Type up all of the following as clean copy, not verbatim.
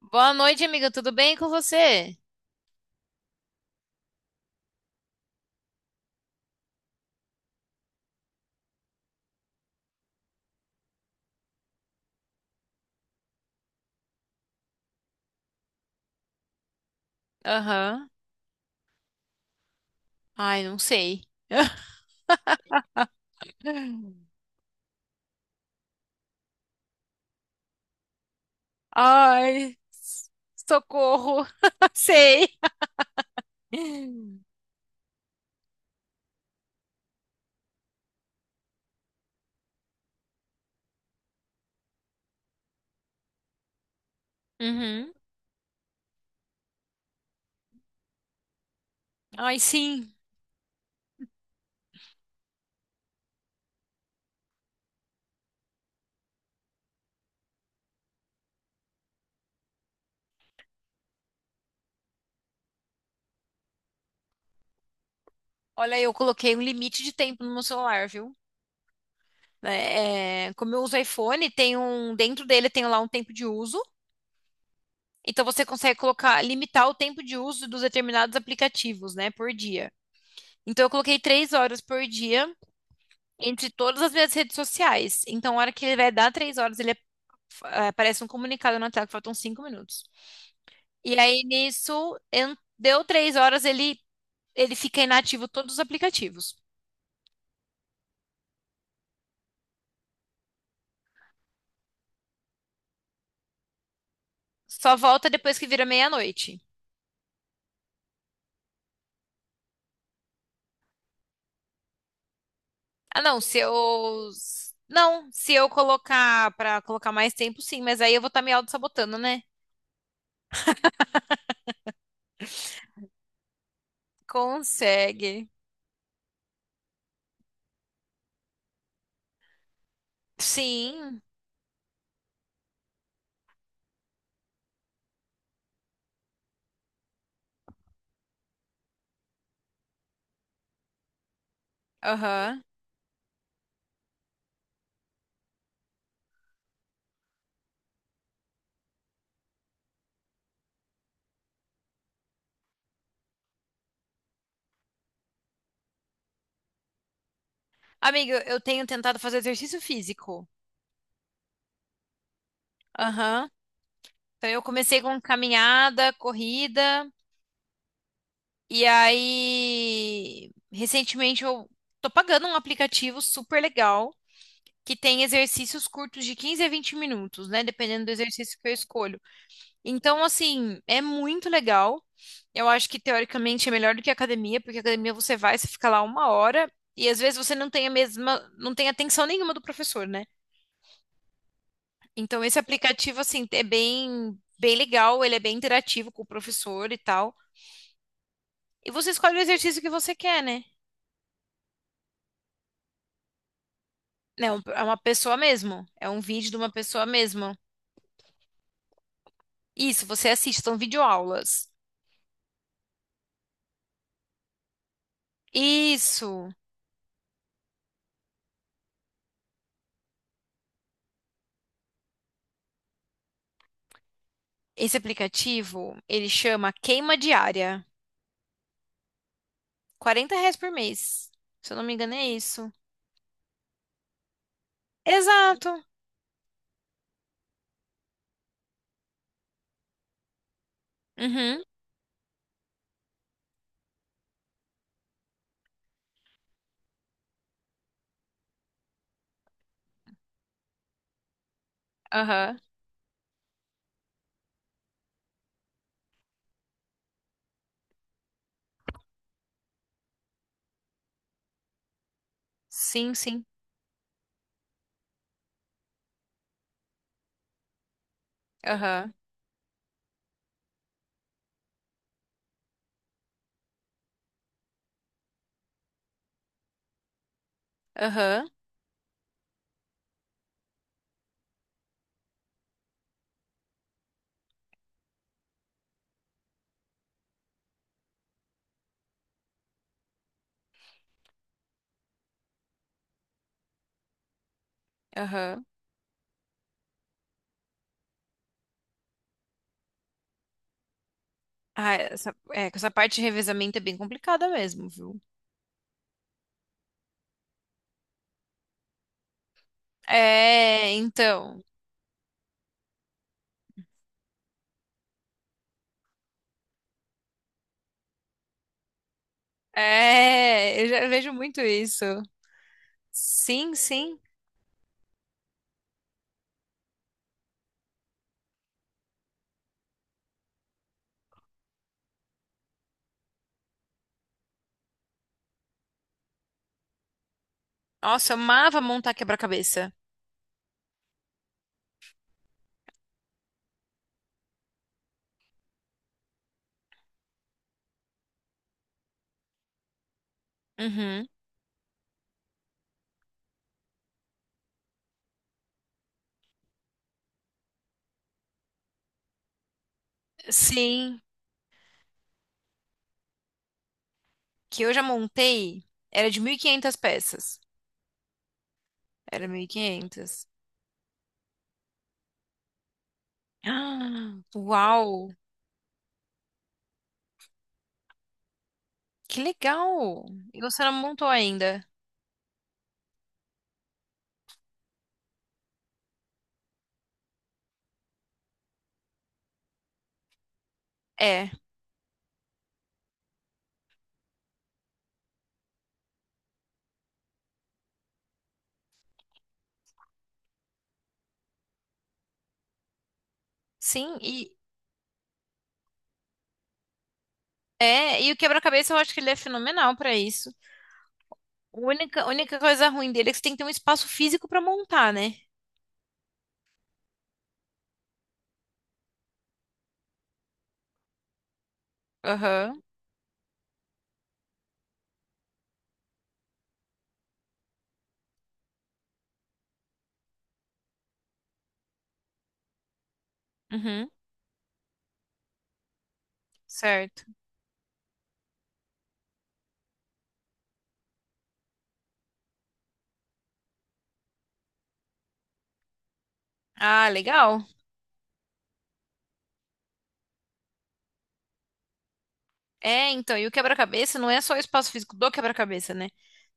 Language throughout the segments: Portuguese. Boa noite, amiga. Tudo bem com você? Aham. Ai, não sei. Ai, socorro. Sei. Uhum. Ai, sim. Olha, eu coloquei um limite de tempo no meu celular, viu? É, como eu uso iPhone, dentro dele tem lá um tempo de uso. Então você consegue colocar, limitar o tempo de uso dos determinados aplicativos, né, por dia. Então eu coloquei 3 horas por dia entre todas as minhas redes sociais. Então, a hora que ele vai dar 3 horas, ele, aparece um comunicado na tela que faltam 5 minutos. E aí nisso, deu 3 horas, ele fica inativo todos os aplicativos. Só volta depois que vira meia-noite. Ah, não, se eu. Não, se eu colocar pra colocar mais tempo, sim, mas aí eu vou estar me auto-sabotando, né? Consegue. Sim, aham. Amigo, eu tenho tentado fazer exercício físico. Aham. Então eu comecei com caminhada, corrida. E aí, recentemente eu tô pagando um aplicativo super legal que tem exercícios curtos de 15 a 20 minutos, né? Dependendo do exercício que eu escolho. Então, assim, é muito legal. Eu acho que teoricamente é melhor do que a academia, porque a academia você vai, você fica lá uma hora e às vezes você não tem a mesma, não tem atenção nenhuma do professor, né? Então, esse aplicativo, assim, é bem, bem legal, ele é bem interativo com o professor e tal. E você escolhe o exercício que você quer, né? É uma pessoa mesmo. É um vídeo de uma pessoa mesmo. Isso, você assiste, são videoaulas. Isso. Esse aplicativo, ele chama Queima Diária. R$ 40 por mês. Se eu não me engano, é isso. Exato. Uhum. Aham. Sim, sim. Aham. Aham. Aham. Ah, essa parte de revezamento é bem complicada mesmo, viu? É, então. É, eu já vejo muito isso. Sim, sim. Nossa, eu amava montar quebra-cabeça. Uhum. Sim, que eu já montei era de 1.500 peças. Era 1.500. Ah, uau! Que legal! E você não montou ainda? É, sim, e o quebra-cabeça eu acho que ele é fenomenal pra isso. A única coisa ruim dele é que você tem que ter um espaço físico pra montar, né? Aham. Uhum. Certo. Ah, legal. É, então, e o quebra-cabeça não é só o espaço físico do quebra-cabeça, né?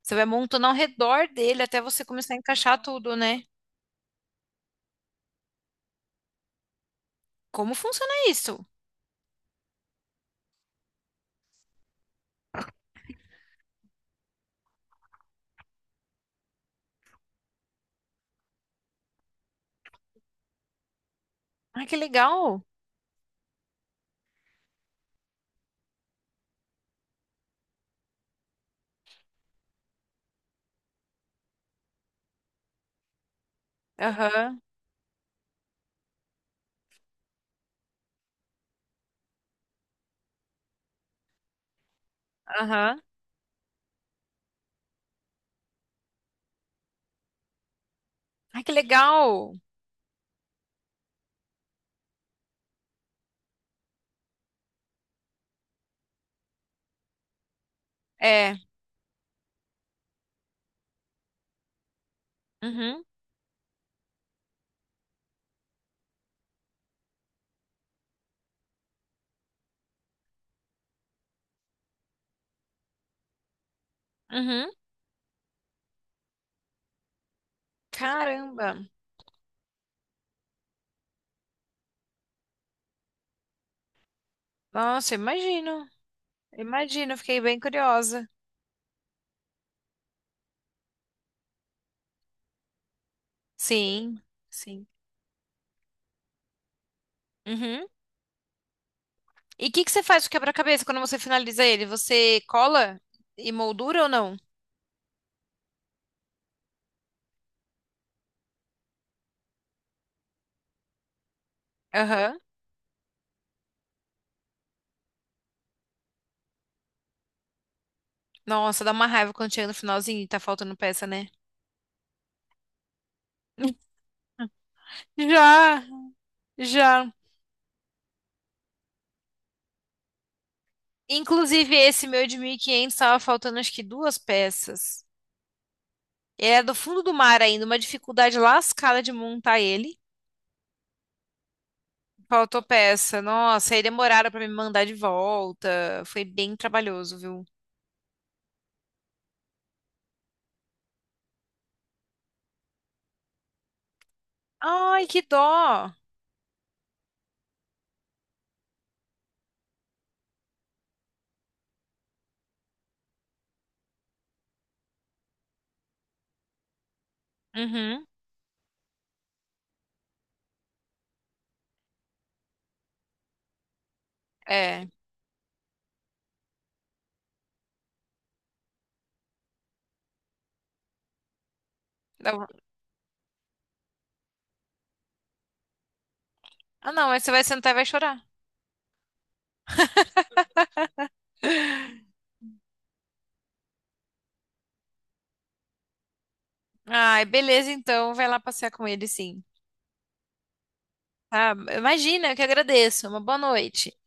Você vai montando ao redor dele até você começar a encaixar tudo, né? Como funciona isso? Ai, que legal. Aham, aham. Ai, que legal. É. Uhum, uhum. Caramba. Nossa, imagino. Imagino, fiquei bem curiosa. Sim, sim. Uhum. E o que que você faz com o quebra-cabeça quando você finaliza ele? Você cola e moldura ou não? Aham. Nossa, dá uma raiva quando chega no finalzinho e tá faltando peça, né? Já, já. Inclusive, esse meu de 1.500 estava faltando acho que 2 peças. Ele é do fundo do mar ainda, uma dificuldade lascada de montar ele. Faltou peça. Nossa, aí demoraram para me mandar de volta. Foi bem trabalhoso, viu? Ai, que dó. Uhum, é. Dá vo- Ah, não, mas você vai sentar e vai chorar. Ai, beleza, então. Vai lá passear com ele, sim. Tá? Imagina, eu que agradeço. Uma boa noite. Tchau.